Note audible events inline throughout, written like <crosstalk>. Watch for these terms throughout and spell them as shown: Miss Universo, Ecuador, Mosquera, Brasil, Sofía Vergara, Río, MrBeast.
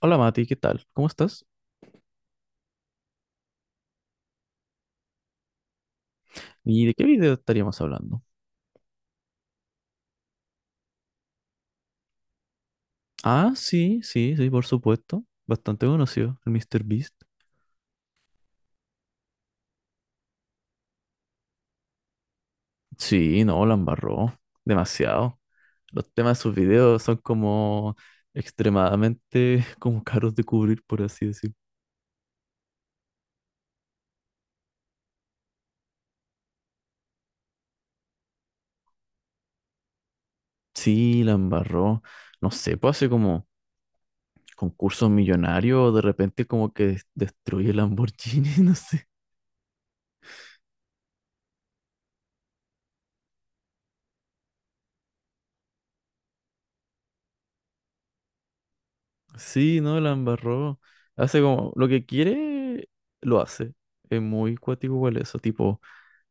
Hola Mati, ¿qué tal? ¿Cómo estás? ¿Y de qué video estaríamos hablando? Ah, sí, sí, sí, por supuesto. Bastante conocido, el Mr. Beast. Sí, no, la embarró. Demasiado. Los temas de sus videos son como extremadamente <laughs> como caros de cubrir, por así decir. Sí, la embarró. No sé, pues hace como concursos millonarios, de repente como que destruye Lamborghini, <laughs> no sé. Sí, no, la embarró. Hace como lo que quiere, lo hace. Es muy cuático igual eso, tipo,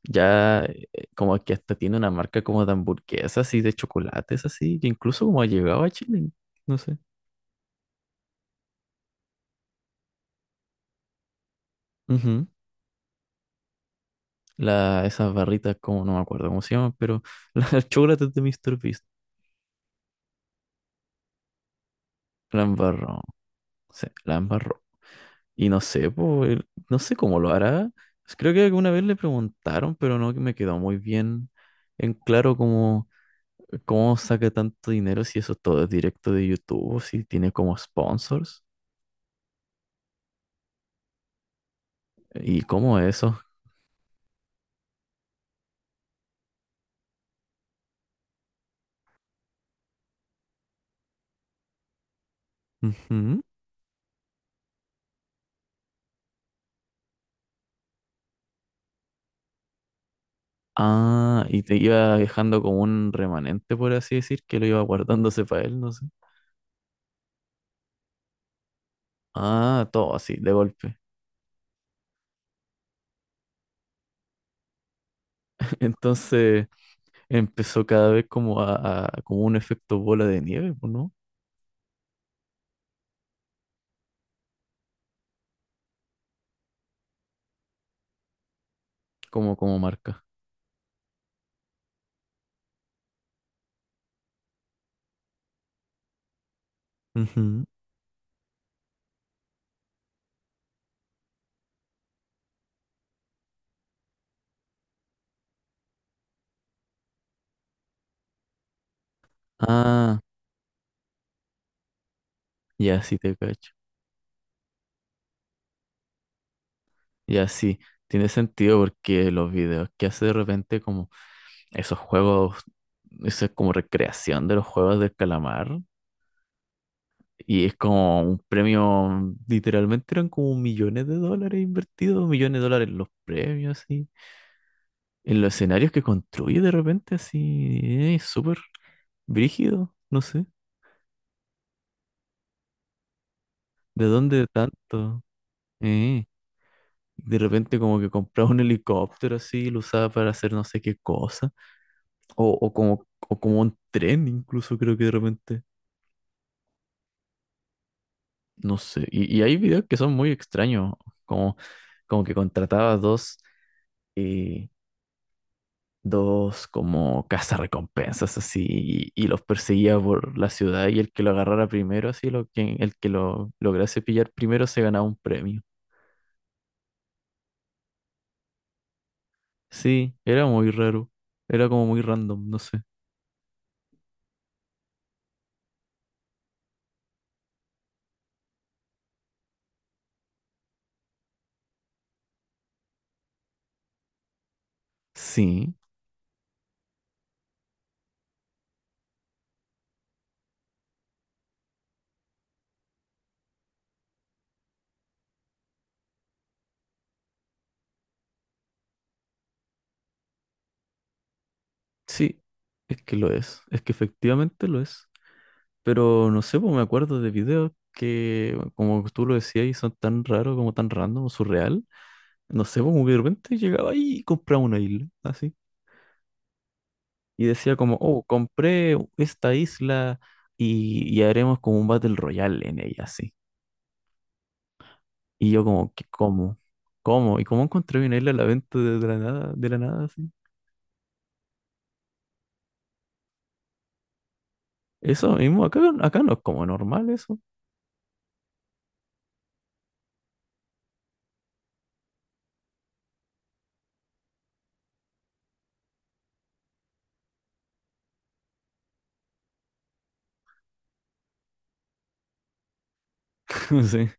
ya como que hasta tiene una marca como de hamburguesas y de chocolates así, que incluso como ha llegado a Chile, no sé. Ujú. La, esas barritas, como no me acuerdo cómo se llaman, pero <laughs> las chocolates de Mister Beast. La embarró, sí, la embarró. Y no sé, pues, no sé cómo lo hará. Creo que alguna vez le preguntaron, pero no que me quedó muy bien en claro como ¿cómo saca tanto dinero si eso todo es directo de YouTube? Si tiene como sponsors. ¿Y cómo es eso? Ujú. Ah, y te iba dejando como un remanente, por así decir, que lo iba guardándose para él, no sé. Ah, todo así, de golpe. <laughs> Entonces empezó cada vez como a, como un efecto bola de nieve, pues, ¿no? Como, como marca. Ujú. Ah, ya sí te cacho. Y así, tiene sentido porque los videos que hace de repente como esos juegos, eso es como recreación de los juegos del calamar. Y es como un premio, literalmente eran como millones de dólares invertidos, millones de dólares en los premios, así. En los escenarios que construye de repente, así, súper brígido, no sé, ¿de dónde tanto? Eh, de repente como que compraba un helicóptero así, y lo usaba para hacer no sé qué cosa. O como un tren, incluso creo que de repente. No sé. Y hay videos que son muy extraños. Como, como que contrataba dos, eh, dos como cazarrecompensas así y los perseguía por la ciudad y el que lo agarrara primero, así lo que, el que lo lograse pillar primero se ganaba un premio. Sí, era muy raro. Era como muy random, no sé. Sí, sí, es que lo es. Es que efectivamente lo es. Pero no sé, pues me acuerdo de videos que, como tú lo decías, y son tan raros, como tan random, surreal. No sé, pues, como que de repente llegaba ahí y compraba una isla, así. Y decía como, oh, compré esta isla y haremos como un Battle Royale en ella, así. Y yo como, ¿qué, cómo? ¿Cómo? ¿Y cómo encontré una isla a la venta de la nada, así? Eso mismo, acá, acá no es como normal eso. <laughs> No sé.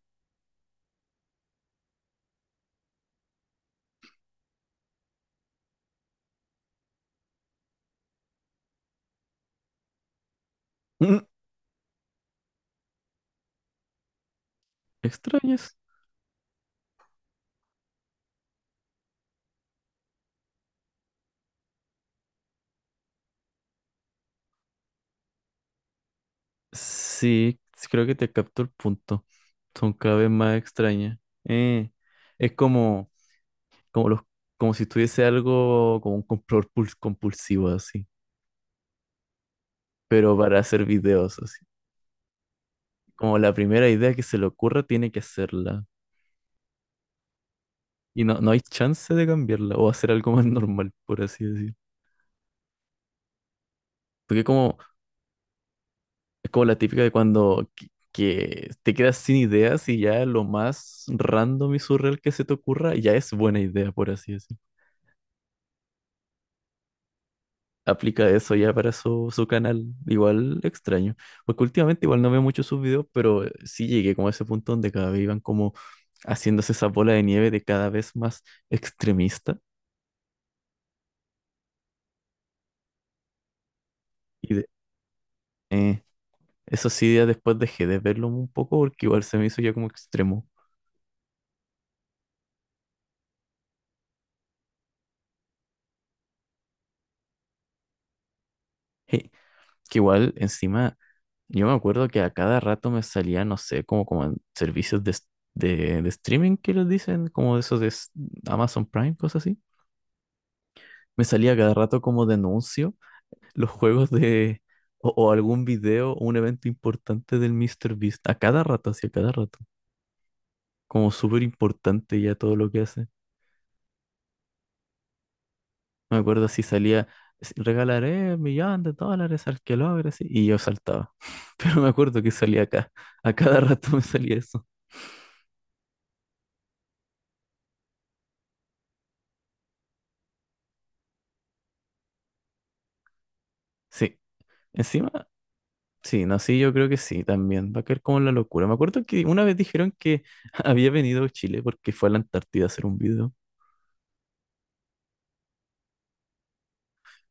Mm, extraño. Sí, sí creo que te capto el punto. Son cada vez más extrañas. Eh, es como, como, los, como si tuviese algo como un control compulsivo así, pero para hacer videos así. Como la primera idea que se le ocurra tiene que hacerla. Y no, no hay chance de cambiarla o hacer algo <laughs> más normal, por así decir. Porque como, es como la típica de cuando que te quedas sin ideas y ya lo más random y surreal que se te ocurra ya es buena idea, por así decir. Aplica eso ya para su, su canal. Igual extraño. Porque últimamente igual no veo mucho sus videos, pero sí llegué como a ese punto donde cada vez iban como haciéndose esa bola de nieve de cada vez más extremista. Y eh, eso sí, ya después dejé de verlo un poco porque igual se me hizo ya como extremo. Eh, que igual encima, yo me acuerdo que a cada rato me salía, no sé, como, como en servicios de, de streaming que les dicen, como de esos de Amazon Prime, cosas así. Me salía cada rato como denuncio los juegos de o algún video o un evento importante del Mr. Beast a cada rato, así a cada rato. Como súper importante ya todo lo que hace. Me acuerdo si salía, regalaré $1.000.000 al que logre", así, y yo saltaba. <laughs> Pero me acuerdo que salía acá. A cada rato me salía eso. Sí. Encima, sí, no, sí, yo creo que sí también. Va a caer como en la locura. Me acuerdo que una vez dijeron que <laughs> había venido a Chile porque fue a la Antártida a hacer un video.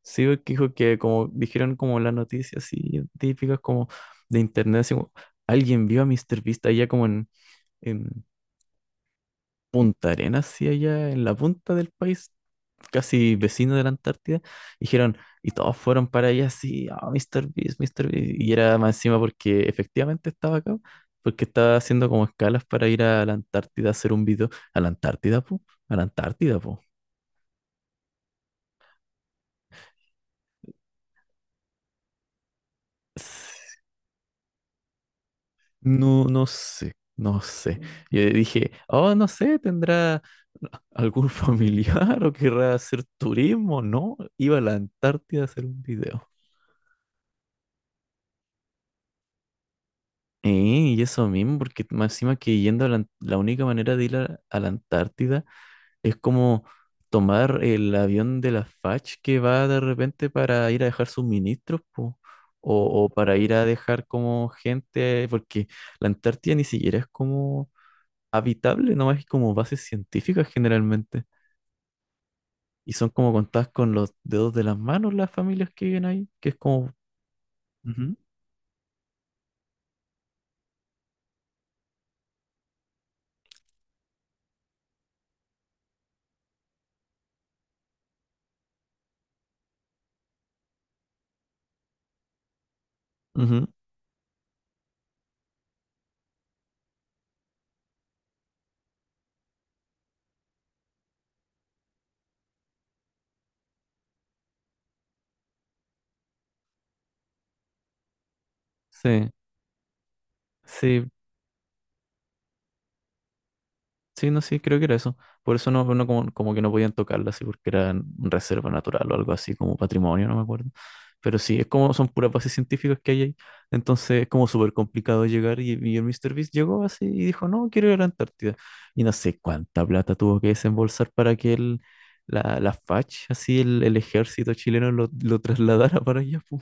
Sí, porque dijo que como dijeron como las noticias así típicas como de internet, así como alguien vio a Mr. Beast allá como en Punta Arenas, sí allá en la punta del país, casi vecino de la Antártida, dijeron, y todos fueron para allá así, ah, Mr. Beast, Mr. Beast, y era más encima porque efectivamente estaba acá, porque estaba haciendo como escalas para ir a la Antártida a hacer un video, a la Antártida, po, a la Antártida, po. No, no sé, no sé. Yo dije, oh, no sé, ¿tendrá algún <laughs> familiar o querrá hacer turismo? No, iba a la Antártida a hacer un video. Y eso mismo, porque más encima que yendo a la, la única manera de ir a la Antártida es como tomar el avión de la FACH que va de repente para ir a dejar suministros, po, o para ir a dejar como gente, porque la Antártida ni siquiera es como habitable, nomás es como bases científicas generalmente. Y son como contadas con los dedos de las manos las familias que viven ahí, que es como... Ujú, ujú, sí, sí, sí, no, sí, creo que era eso. Por eso no, no como, como que no podían tocarla así porque era reserva natural o algo así, como patrimonio, no me acuerdo. Pero sí, es como son puras bases científicas que hay ahí. Entonces es como súper complicado llegar y el Mister Beast llegó así y dijo, no, quiero ir a la Antártida. Y no sé cuánta plata tuvo que desembolsar para que el, la, la FACH, así el ejército chileno lo trasladara para allá, pu,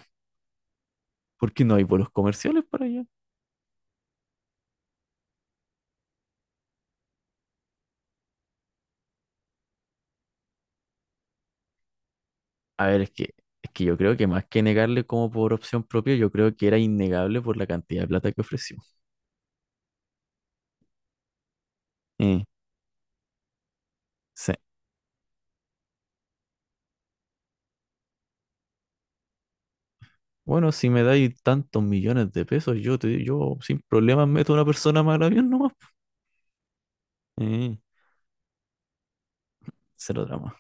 porque no hay vuelos comerciales para allá. A ver, es que yo creo que más que negarle como por opción propia, yo creo que era innegable por la cantidad de plata que ofreció. Eh, sí. Bueno, si me dais tantos millones de pesos, yo te, yo sin problemas meto a una persona más al avión nomás. Eh, cero drama.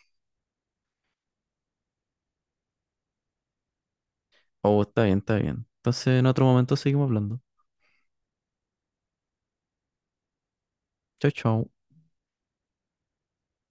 Oh, está bien, está bien. Entonces, en otro momento seguimos hablando. Chao, chao.